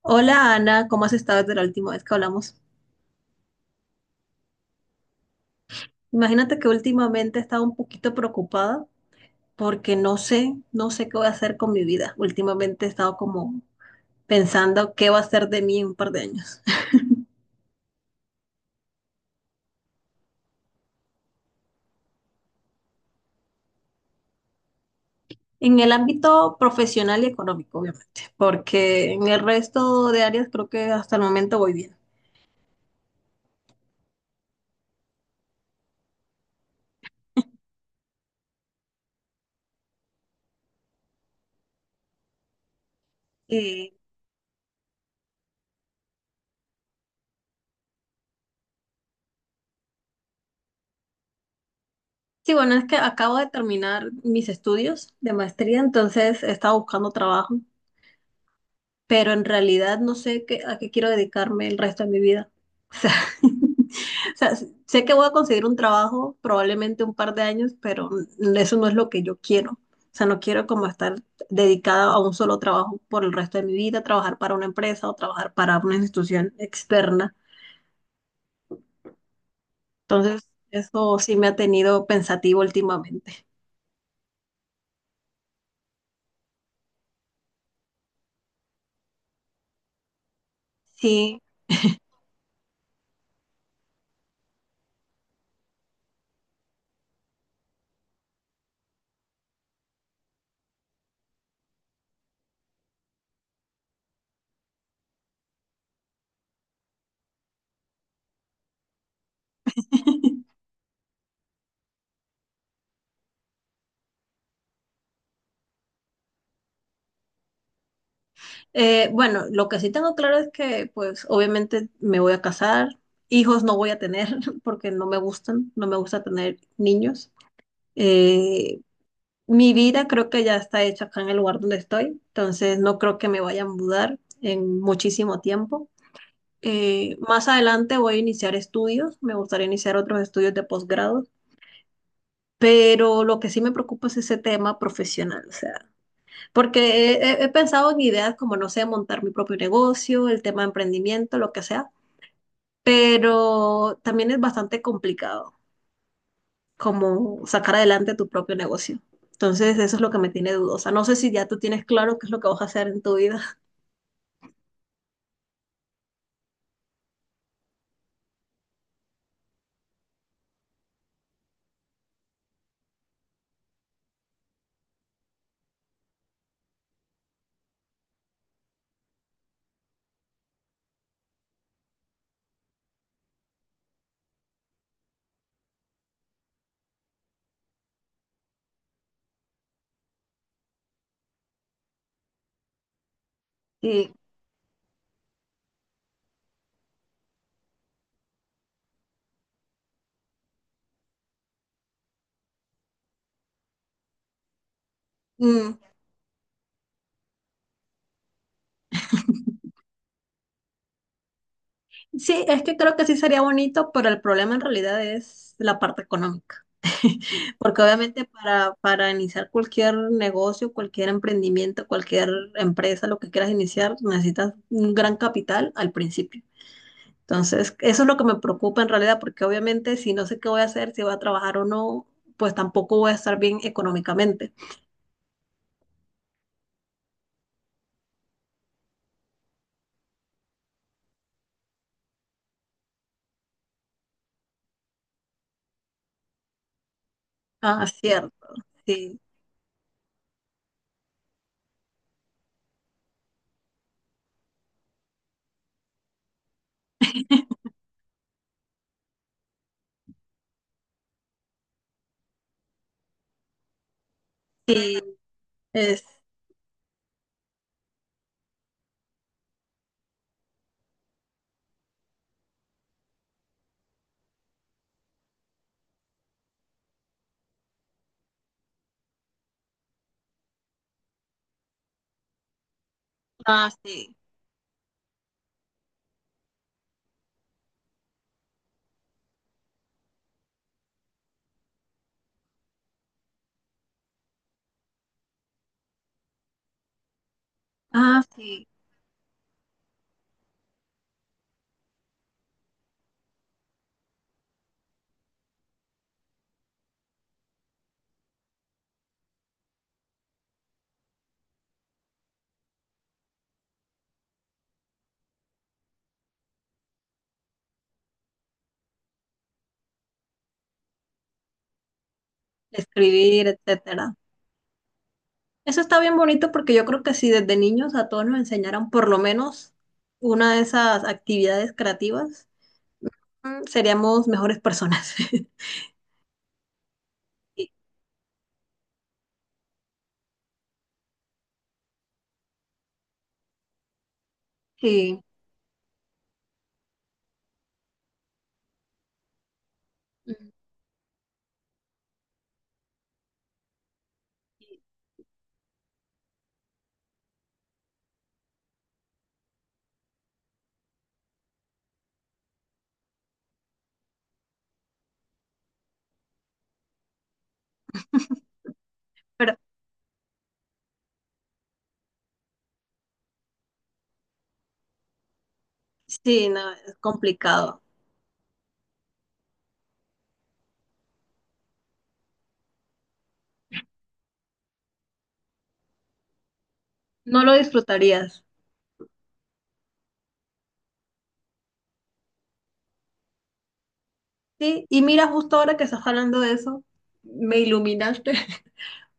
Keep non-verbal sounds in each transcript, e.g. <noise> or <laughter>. Hola, Ana, ¿cómo has estado desde la última vez que hablamos? Imagínate que últimamente he estado un poquito preocupada porque no sé qué voy a hacer con mi vida. Últimamente he estado como pensando qué va a ser de mí en un par de años. <laughs> En el ámbito profesional y económico, obviamente, porque en el resto de áreas creo que hasta el momento voy bien. Y sí, bueno, es que acabo de terminar mis estudios de maestría, entonces he estado buscando trabajo, pero en realidad no sé qué, a qué quiero dedicarme el resto de mi vida. O sea, <laughs> o sea, sé que voy a conseguir un trabajo, probablemente un par de años, pero eso no es lo que yo quiero. O sea, no quiero como estar dedicada a un solo trabajo por el resto de mi vida, trabajar para una empresa o trabajar para una institución externa. Entonces, eso sí me ha tenido pensativo últimamente. Sí. Bueno, lo que sí tengo claro es que, pues, obviamente me voy a casar, hijos no voy a tener <laughs> porque no me gustan, no me gusta tener niños. Eh, Mi vida creo que ya está hecha acá en el lugar donde estoy, entonces no creo que me vaya a mudar en muchísimo tiempo. Más adelante voy a iniciar estudios, me gustaría iniciar otros estudios de posgrado, pero lo que sí me preocupa es ese tema profesional, o sea. Porque pensado en ideas como, no sé, montar mi propio negocio, el tema de emprendimiento, lo que sea, pero también es bastante complicado como sacar adelante tu propio negocio. Entonces, eso es lo que me tiene dudosa. No sé si ya tú tienes claro qué es lo que vas a hacer en tu vida. <laughs> Sí. Mm, sí, es que creo que sí sería bonito, pero el problema en realidad es la parte económica. Porque obviamente para iniciar cualquier negocio, cualquier emprendimiento, cualquier empresa, lo que quieras iniciar, necesitas un gran capital al principio. Entonces, eso es lo que me preocupa en realidad, porque obviamente si no sé qué voy a hacer, si voy a trabajar o no, pues tampoco voy a estar bien económicamente. Ah, cierto. Sí, sí, es, ah, sí, ah, sí, escribir, etcétera. Eso está bien bonito porque yo creo que si desde niños a todos nos enseñaran por lo menos una de esas actividades creativas, mm, seríamos mejores personas. <laughs> Sí. Mm. Pero sí, no, es complicado. No lo disfrutarías. Sí, y mira, justo ahora que estás hablando de eso, me iluminaste.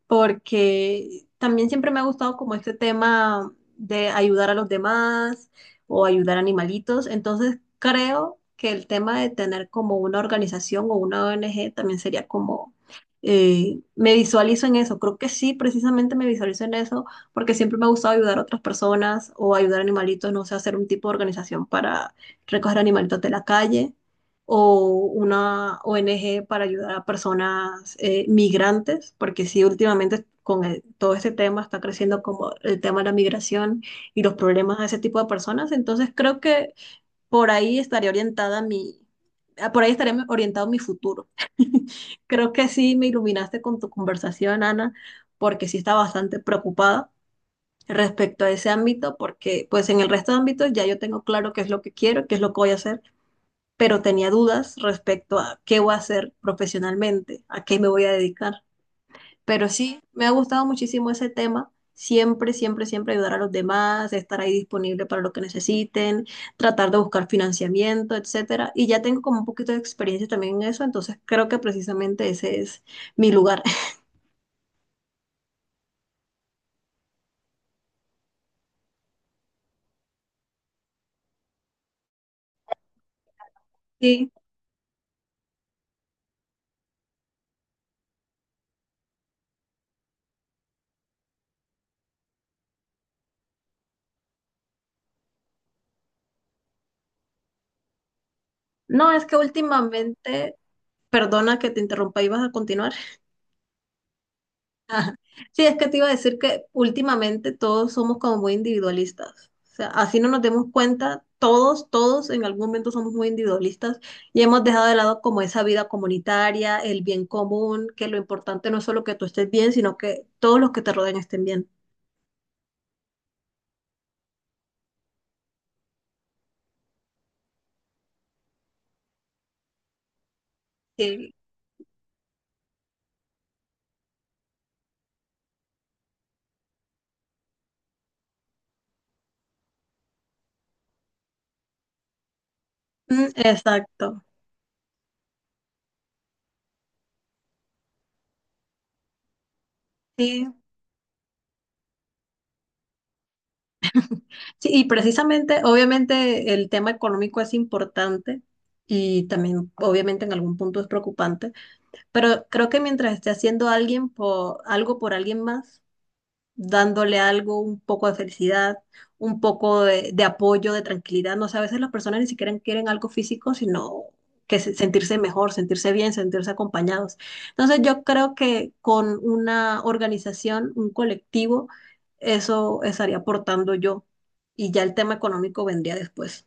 Porque también siempre me ha gustado como este tema de ayudar a los demás o ayudar a animalitos. Entonces creo que el tema de tener como una organización o una ONG también sería como, me visualizo en eso, creo que sí, precisamente me visualizo en eso, porque siempre me ha gustado ayudar a otras personas o ayudar a animalitos, no sé, hacer un tipo de organización para recoger animalitos de la calle o una ONG para ayudar a personas migrantes, porque sí, últimamente todo este tema está creciendo como el tema de la migración y los problemas de ese tipo de personas, entonces creo que por ahí estaría orientada mi, por ahí estaría orientado mi futuro. <laughs> Creo que sí me iluminaste con tu conversación, Ana, porque sí está bastante preocupada respecto a ese ámbito, porque pues en el resto de ámbitos ya yo tengo claro qué es lo que quiero, qué es lo que voy a hacer, pero tenía dudas respecto a qué voy a hacer profesionalmente, a qué me voy a dedicar. Pero sí, me ha gustado muchísimo ese tema. Siempre, siempre, siempre ayudar a los demás, estar ahí disponible para lo que necesiten, tratar de buscar financiamiento, etcétera. Y ya tengo como un poquito de experiencia también en eso, entonces creo que precisamente ese es mi lugar. <laughs> Sí. No, es que últimamente, perdona que te interrumpa, ibas a continuar. Ajá. Sí, es que te iba a decir que últimamente todos somos como muy individualistas. O sea, así no nos demos cuenta, todos en algún momento somos muy individualistas y hemos dejado de lado como esa vida comunitaria, el bien común, que lo importante no es solo que tú estés bien, sino que todos los que te rodean estén bien. Sí. Mm, exacto. Sí. Sí, y precisamente, obviamente, el tema económico es importante, y también, obviamente, en algún punto es preocupante. Pero creo que mientras esté haciendo alguien por, algo por alguien más, dándole algo, un poco de felicidad, un poco de apoyo, de tranquilidad, no sé, a veces las personas ni siquiera quieren algo físico, sino sentirse mejor, sentirse bien, sentirse acompañados. Entonces yo creo que con una organización, un colectivo, eso estaría aportando yo. Y ya el tema económico vendría después.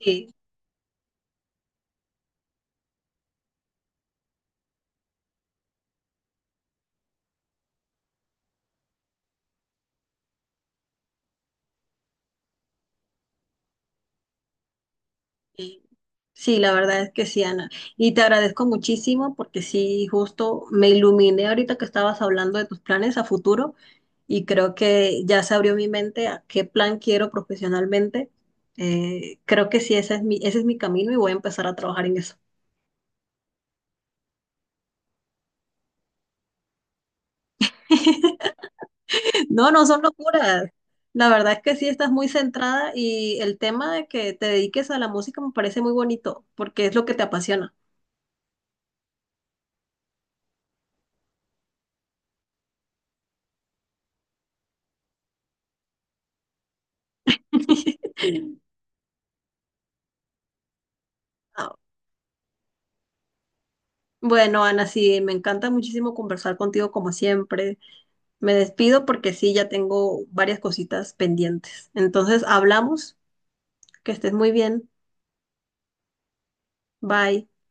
Sí, sí. Sí, la verdad es que sí, Ana. Y te agradezco muchísimo porque sí, justo me iluminé ahorita que estabas hablando de tus planes a futuro y creo que ya se abrió mi mente a qué plan quiero profesionalmente. Creo que sí, ese es mi camino y voy a empezar a trabajar en eso. <laughs> No, no son locuras. La verdad es que sí estás muy centrada y el tema de que te dediques a la música me parece muy bonito porque es lo que te apasiona. <laughs> Bueno, Ana, sí, me encanta muchísimo conversar contigo como siempre. Me despido porque sí, ya tengo varias cositas pendientes. Entonces, hablamos, que estés muy bien. Bye.